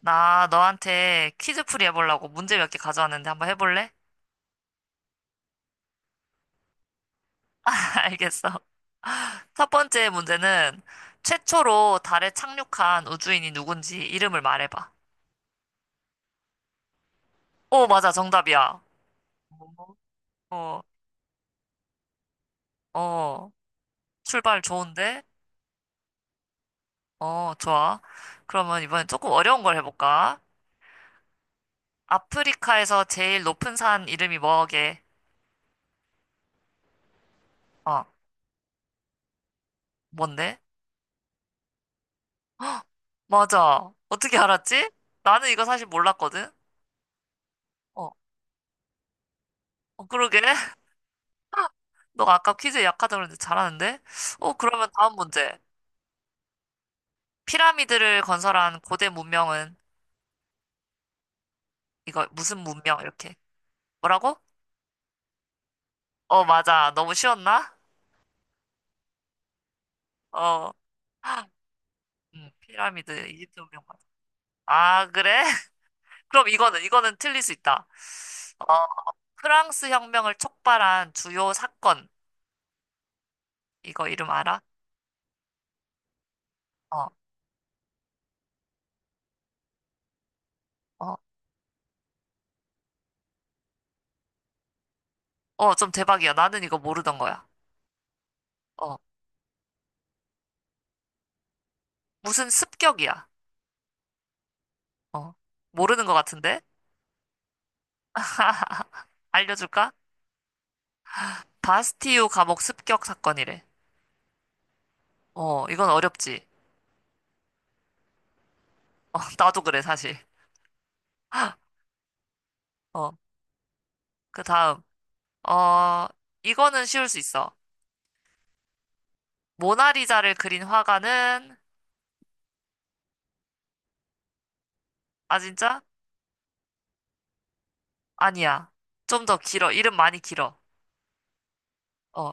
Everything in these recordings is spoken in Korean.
나 너한테 퀴즈풀이 해보려고 문제 몇 개 가져왔는데 한번 해볼래? 알겠어. 첫 번째 문제는 최초로 달에 착륙한 우주인이 누군지 이름을 말해봐. 오, 맞아. 정답이야. 어, 어, 출발 좋은데? 어, 좋아. 그러면 이번엔 조금 어려운 걸 해볼까? 아프리카에서 제일 높은 산 이름이 뭐게? 어, 뭔데? 맞아. 어떻게 알았지? 나는 이거 사실 몰랐거든? 어, 어, 그러게. 너가 아까 퀴즈 약하다고 그랬는데 잘하는데? 어, 그러면 다음 문제. 피라미드를 건설한 고대 문명은 이거 무슨 문명 이렇게. 뭐라고? 어, 맞아. 너무 쉬웠나? 어. 피라미드 이집트 문명 맞아. 아, 그래? 그럼 이거는 틀릴 수 있다. 어, 프랑스 혁명을 촉발한 주요 사건. 이거 이름 알아? 어. 어. 어, 좀 대박이야. 나는 이거 모르던 거야. 어. 무슨 습격이야. 어. 모르는 것 같은데? 알려줄까? 바스티유 감옥 습격 사건이래. 어, 이건 어렵지. 어, 나도 그래, 사실. 어, 그 다음. 어, 이거는 쉬울 수 있어. 모나리자를 그린 화가는, 아, 진짜? 아니야. 좀 더 길어. 이름 많이 길어. 어,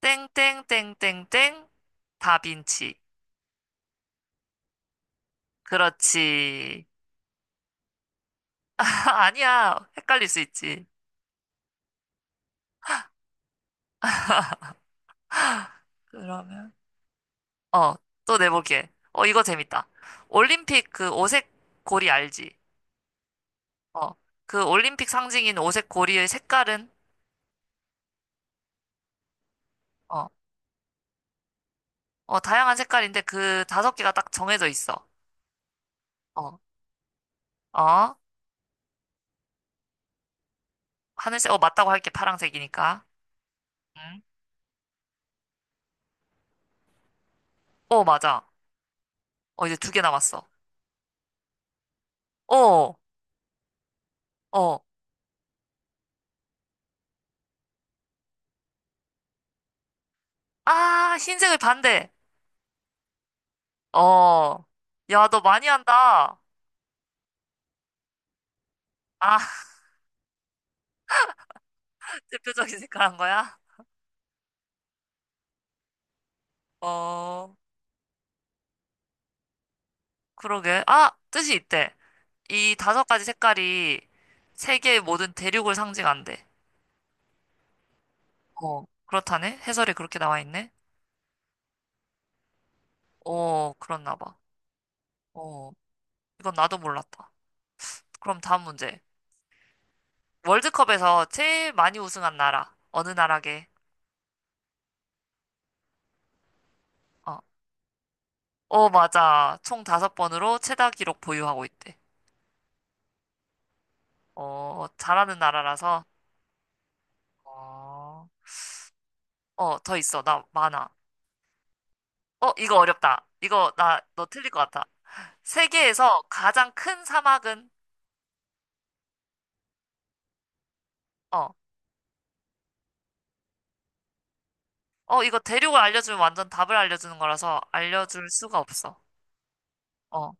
땡땡땡땡땡, 다빈치. 그렇지. 아니야. 헷갈릴 수 있지. 그러면? 어, 또 내볼게. 어, 이거 재밌다. 올림픽 그 오색 고리 알지? 어, 그 올림픽 상징인 오색 고리의 색깔은 어, 어, 다양한 색깔인데 그 다섯 개가 딱 정해져 있어. 어, 어, 하늘색, 어, 맞다고 할게, 파란색이니까. 응? 어, 맞아. 어, 이제 두 개 남았어. 어, 어, 아, 흰색의 반대. 어, 야, 너 많이 한다. 아, 대표적인 색깔 한 거야? 어, 그러게. 아, 뜻이 있대. 이 다섯 가지 색깔이 세계의 모든 대륙을 상징한대. 어, 그렇다네. 해설에 그렇게 나와 있네. 어, 그렇나 봐. 어, 이건 나도 몰랐다. 그럼 다음 문제. 월드컵에서 제일 많이 우승한 나라. 어느 나라게? 어, 어, 맞아. 총 다섯 번으로 최다 기록 보유하고 있대. 어, 잘하는 나라라서. 어, 어, 더 있어. 나 많아. 어, 이거 어렵다. 이거 나, 너 틀릴 것 같아. 세계에서 가장 큰 사막은? 어, 어, 이거 대륙을 알려주면 완전 답을 알려주는 거라서 알려줄 수가 없어. 어,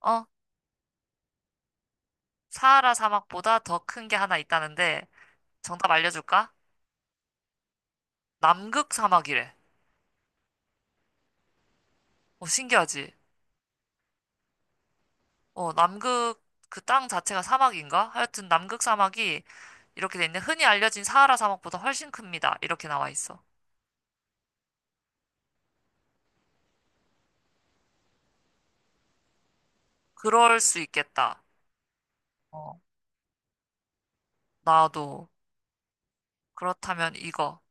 어, 사하라 사막보다 더 큰 게 하나 있다는데, 정답 알려줄까? 남극 사막이래. 어, 신기하지? 어, 남극 그 땅 자체가 사막인가? 하여튼 남극 사막이 이렇게 돼 있는데 흔히 알려진 사하라 사막보다 훨씬 큽니다. 이렇게 나와 있어. 그럴 수 있겠다. 어, 나도. 그렇다면 이거.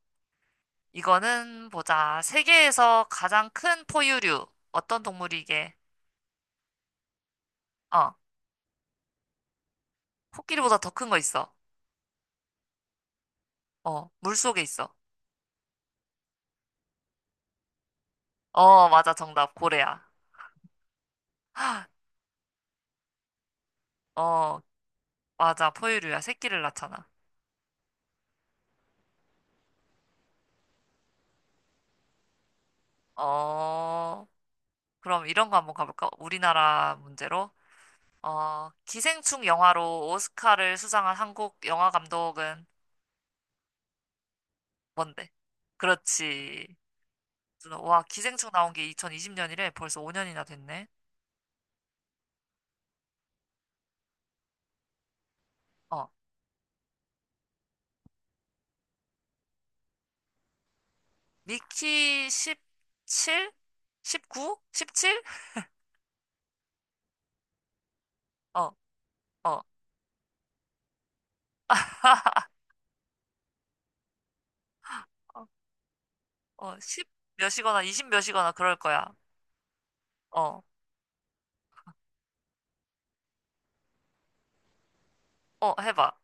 이거는 보자. 세계에서 가장 큰 포유류. 어떤 동물이 이게? 어, 코끼리보다 더 큰 거 있어. 어, 물속에 있어. 어, 맞아. 정답. 고래야. 어, 맞아. 포유류야. 새끼를 낳잖아. 어, 그럼 이런 거 한번 가볼까? 우리나라 문제로. 어, 기생충 영화로 오스카를 수상한 한국 영화 감독은 뭔데? 그렇지. 와, 기생충 나온 게 2020년이래. 벌써 5년이나 됐네. 어, 미키 17? 19? 17? 어, 어, 어, 10 몇이거나 20 몇이거나 그럴 거야. 어, 어, 해봐.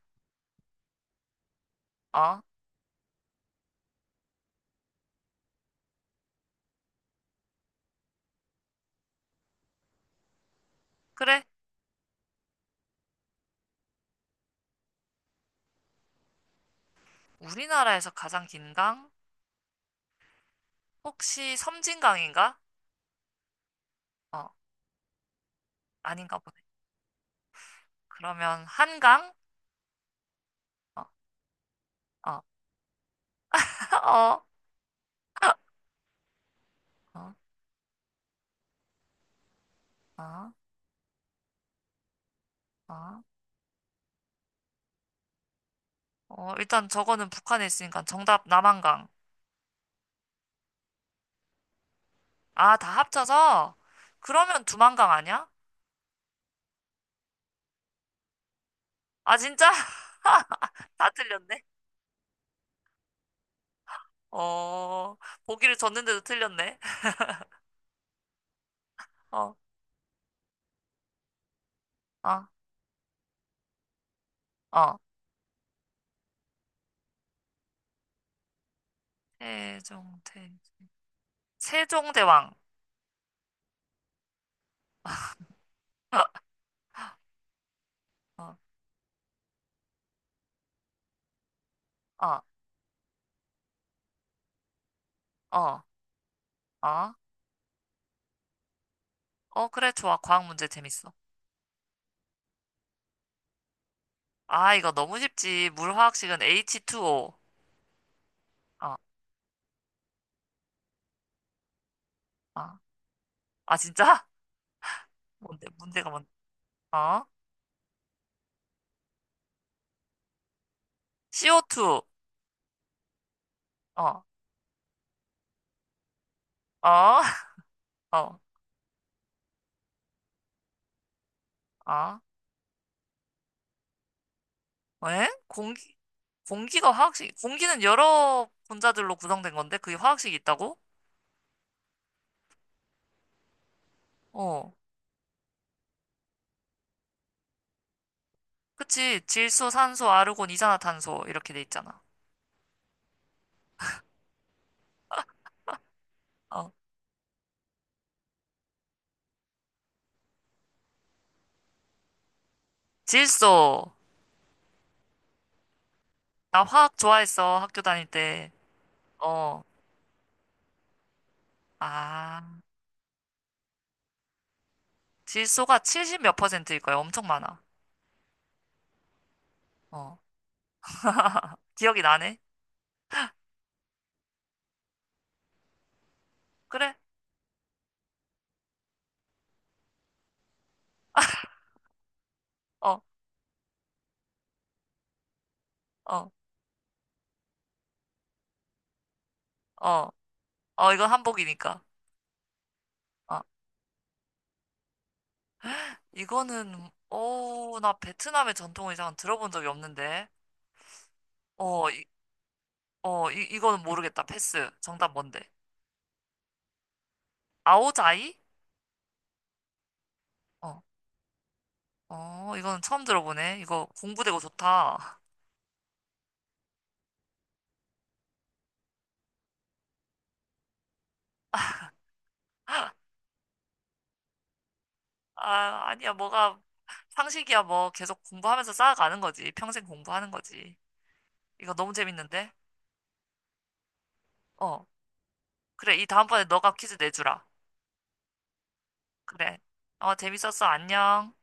어, 그래. 우리나라에서 가장 긴 강? 혹시 섬진강인가? 어, 아닌가 그러면 한강? 어, 어, 어, 어, 어, 어. 어, 일단 저거는 북한에 있으니까 정답 남한강. 아, 다 합쳐서? 그러면 두만강 아니야? 아, 진짜? 다 틀렸네. 어, 보기를 줬는데도 틀렸네. 어, 어, 어. 세종대, 세종대왕. 어, 어, 어, 어. 어, 어, 그래, 좋아. 과학 문제 재밌어. 아, 이거 너무 쉽지. 물 화학식은 H2O. 어, 어. 아, 진짜? 뭔데, 문제가 뭔데? 어? CO2. 어, 어, 어, 어. 왜? 공기가 화학식, 공기는 여러 분자들로 구성된 건데, 그게 화학식이 있다고? 어. 그치. 질소, 산소, 아르곤, 이산화탄소. 이렇게 돼 있잖아. 어. 질소. 나 화학 좋아했어. 학교 다닐 때. 어. 아. 질소가 70 몇 퍼센트일 거야. 엄청 많아. 어. 기억이 나네. 그래? 어, 어, 어. 어, 이건 한복이니까. 어, 이거는, 어, 나 베트남의 전통 의상은 들어본 적이 없는데. 어, 이, 어, 이, 이거는 모르겠다. 패스. 정답 뭔데? 아오자이? 어, 어, 이거는 처음 들어보네. 이거 공부되고 좋다. 아, 아니야. 뭐가 상식이야. 뭐 계속 공부하면서 쌓아가는 거지. 평생 공부하는 거지. 이거 너무 재밌는데? 어, 그래. 이 다음번에 너가 퀴즈 내주라. 그래. 어, 재밌었어. 안녕.